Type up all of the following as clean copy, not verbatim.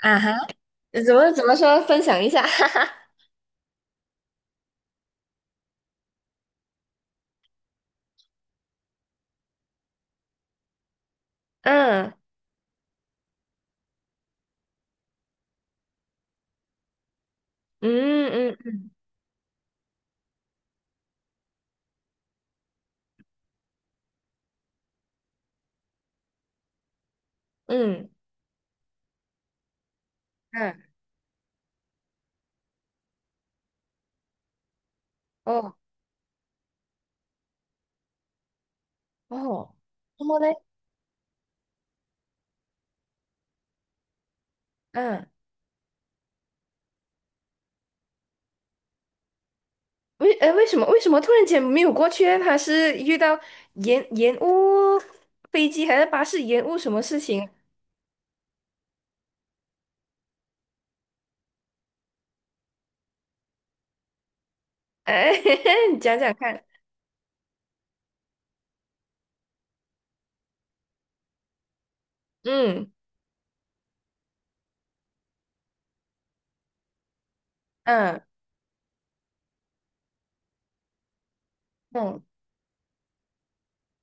啊哈，怎么说？分享一下，哈哈。嗯嗯嗯嗯嗯，嗯。哦哦，然么嘞，嗯，为什么突然间没有过去呢？他是遇到延误飞机还是巴士延误什么事情？哎，你讲讲看。嗯嗯嗯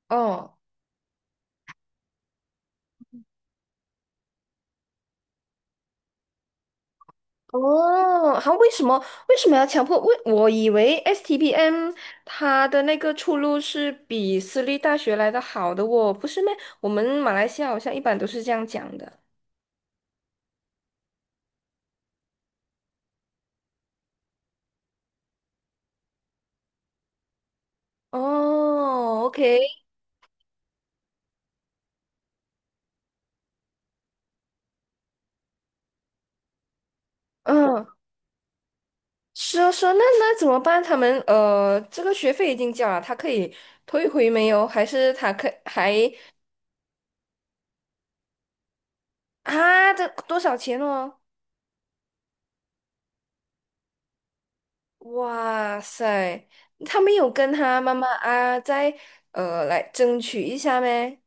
哦哦，好，为什么要强迫？我以为 STPM 它的那个出路是比私立大学来的好的哦，不是咩？我们马来西亚好像一般都是这样讲的。哦，OK，嗯，是啊，是啊，那怎么办？他们这个学费已经交了，他可以退回没有？还是他可还啊？这多少钱哦？哇塞，他没有跟他妈妈啊，再来争取一下咩？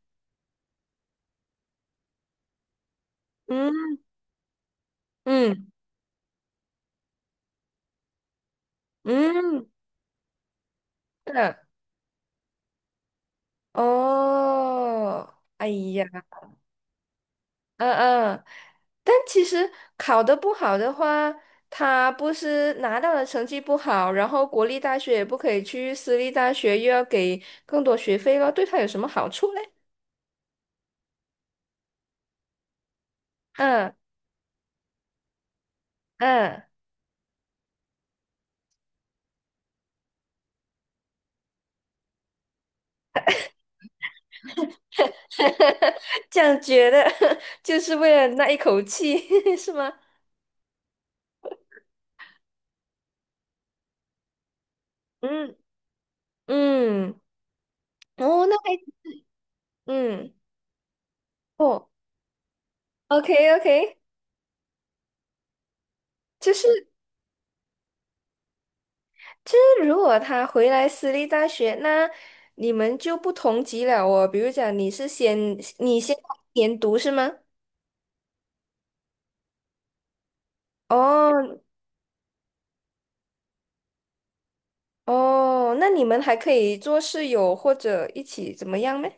嗯嗯嗯，是哦，哎呀，嗯嗯，但其实考得不好的话，他不是拿到了成绩不好，然后国立大学也不可以去，私立大学又要给更多学费了，对他有什么好处嘞？嗯嗯，这样觉得 就是为了那一口气，是吗？嗯嗯，哦，那还嗯哦，OK OK，就是。就是如果他回来私立大学，那你们就不同级了哦。比如讲，你先研读是吗？哦哦，那你们还可以做室友或者一起怎么样呢？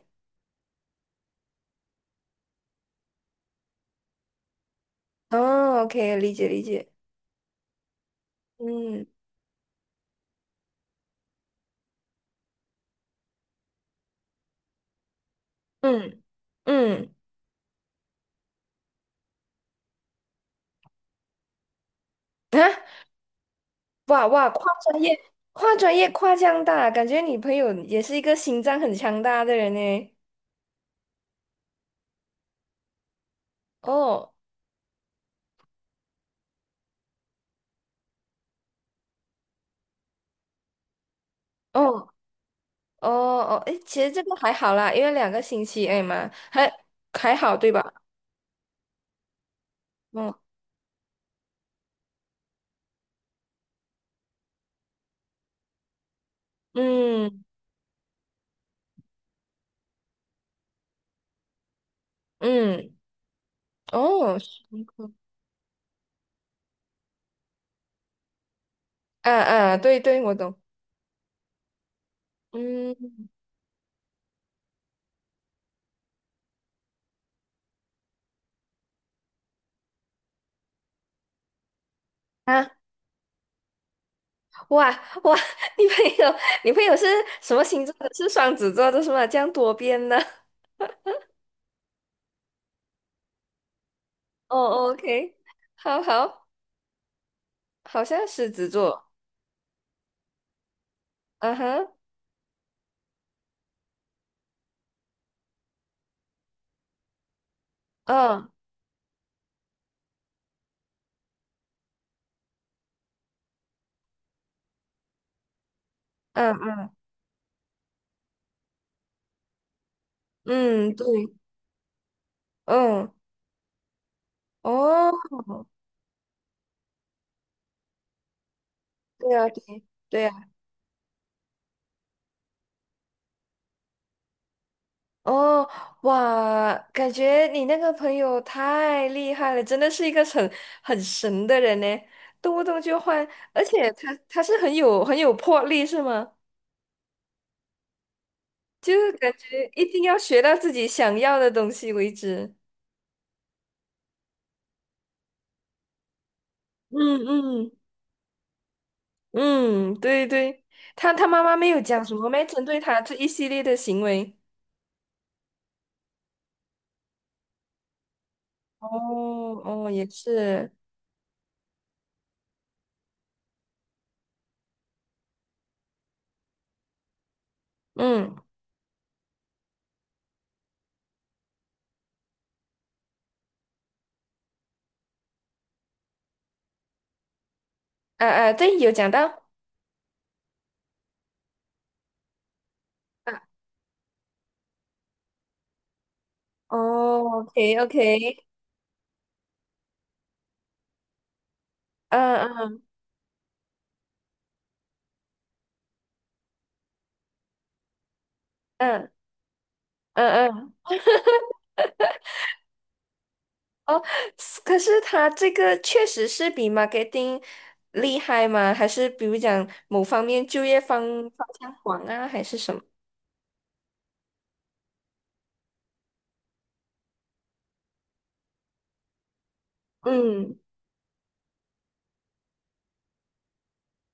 哦，OK，理解理解。嗯嗯嗯啊，哇哇，跨专业跨专业跨这样大，感觉你朋友也是一个心脏很强大的人呢。哦哦哦哦，诶，其实这个还好啦，因为2个星期哎嘛，还好对吧？嗯嗯嗯，哦，辛苦啊啊，对对，我懂。嗯啊，哇哇，女朋友女朋友是什么星座的？是双子座的是吗？这样多变的。哦哦，OK，好好，好像狮子座。嗯哼，嗯嗯嗯嗯，对，嗯哦，对啊对。对啊哦，哇，感觉你那个朋友太厉害了，真的是一个很神的人呢，动不动就换，而且他是很有很有魄力，是吗？就是感觉一定要学到自己想要的东西为止。嗯嗯嗯，对对，他妈妈没有讲什么没针对他这一系列的行为。哦哦，也是，嗯，啊啊，对，有讲到，啊，哦，OK OK，嗯嗯嗯嗯嗯。哦，是可是他这个确实是比 marketing 厉害吗？还是比如讲某方面就业方向广啊，还是什么？嗯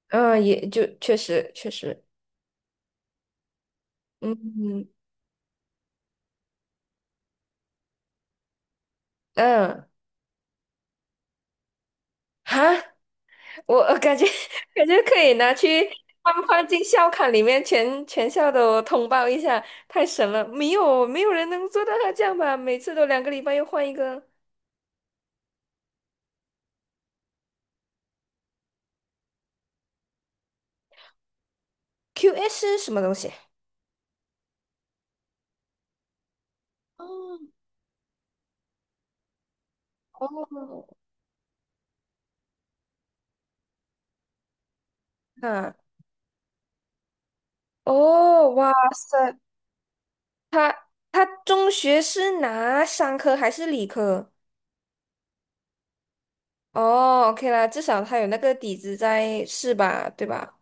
嗯，也就确实确实，嗯嗯，哈，我感觉 感觉可以拿去放进校刊里面，全校都通报一下，太神了！没有人能做到他这样吧？每次都2个礼拜又换一个 QS 什么东西？哦，哦，啊哦，哇塞，他他中学是拿商科还是理科？哦，OK 啦，至少他有那个底子在，是吧？对吧？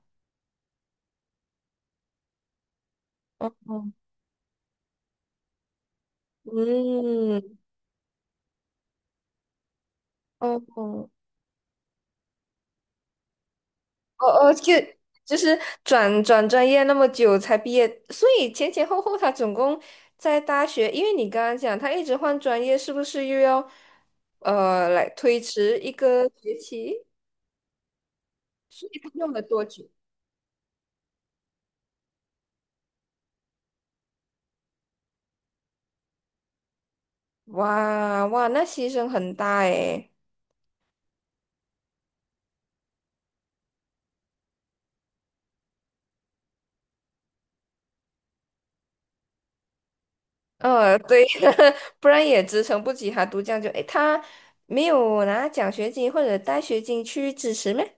哦，哦嗯，哦哦哦哦，就是转专业那么久才毕业，所以前前后后他总共在大学，因为你刚刚讲他一直换专业，是不是又要来推迟一个学期？所以他用了多久？哇哇，那牺牲很大诶。对，不然也支撑不起他读这样就，诶，他没有拿奖学金或者带学金去支持咩？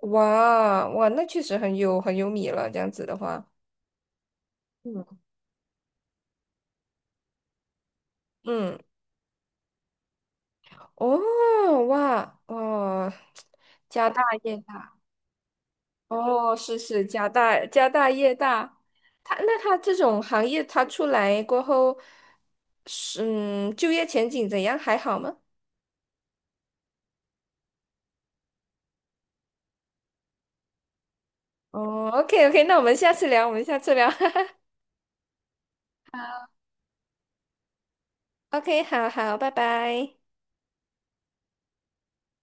哇哇，那确实很有很有米了，这样子的话，嗯，嗯，哦，哇哦，家大业大，哦，是家大业大，他这种行业他出来过后，是嗯，就业前景怎样？还好吗？哦，OK OK，那我们下次聊，我们下次聊。OK，好好，拜拜。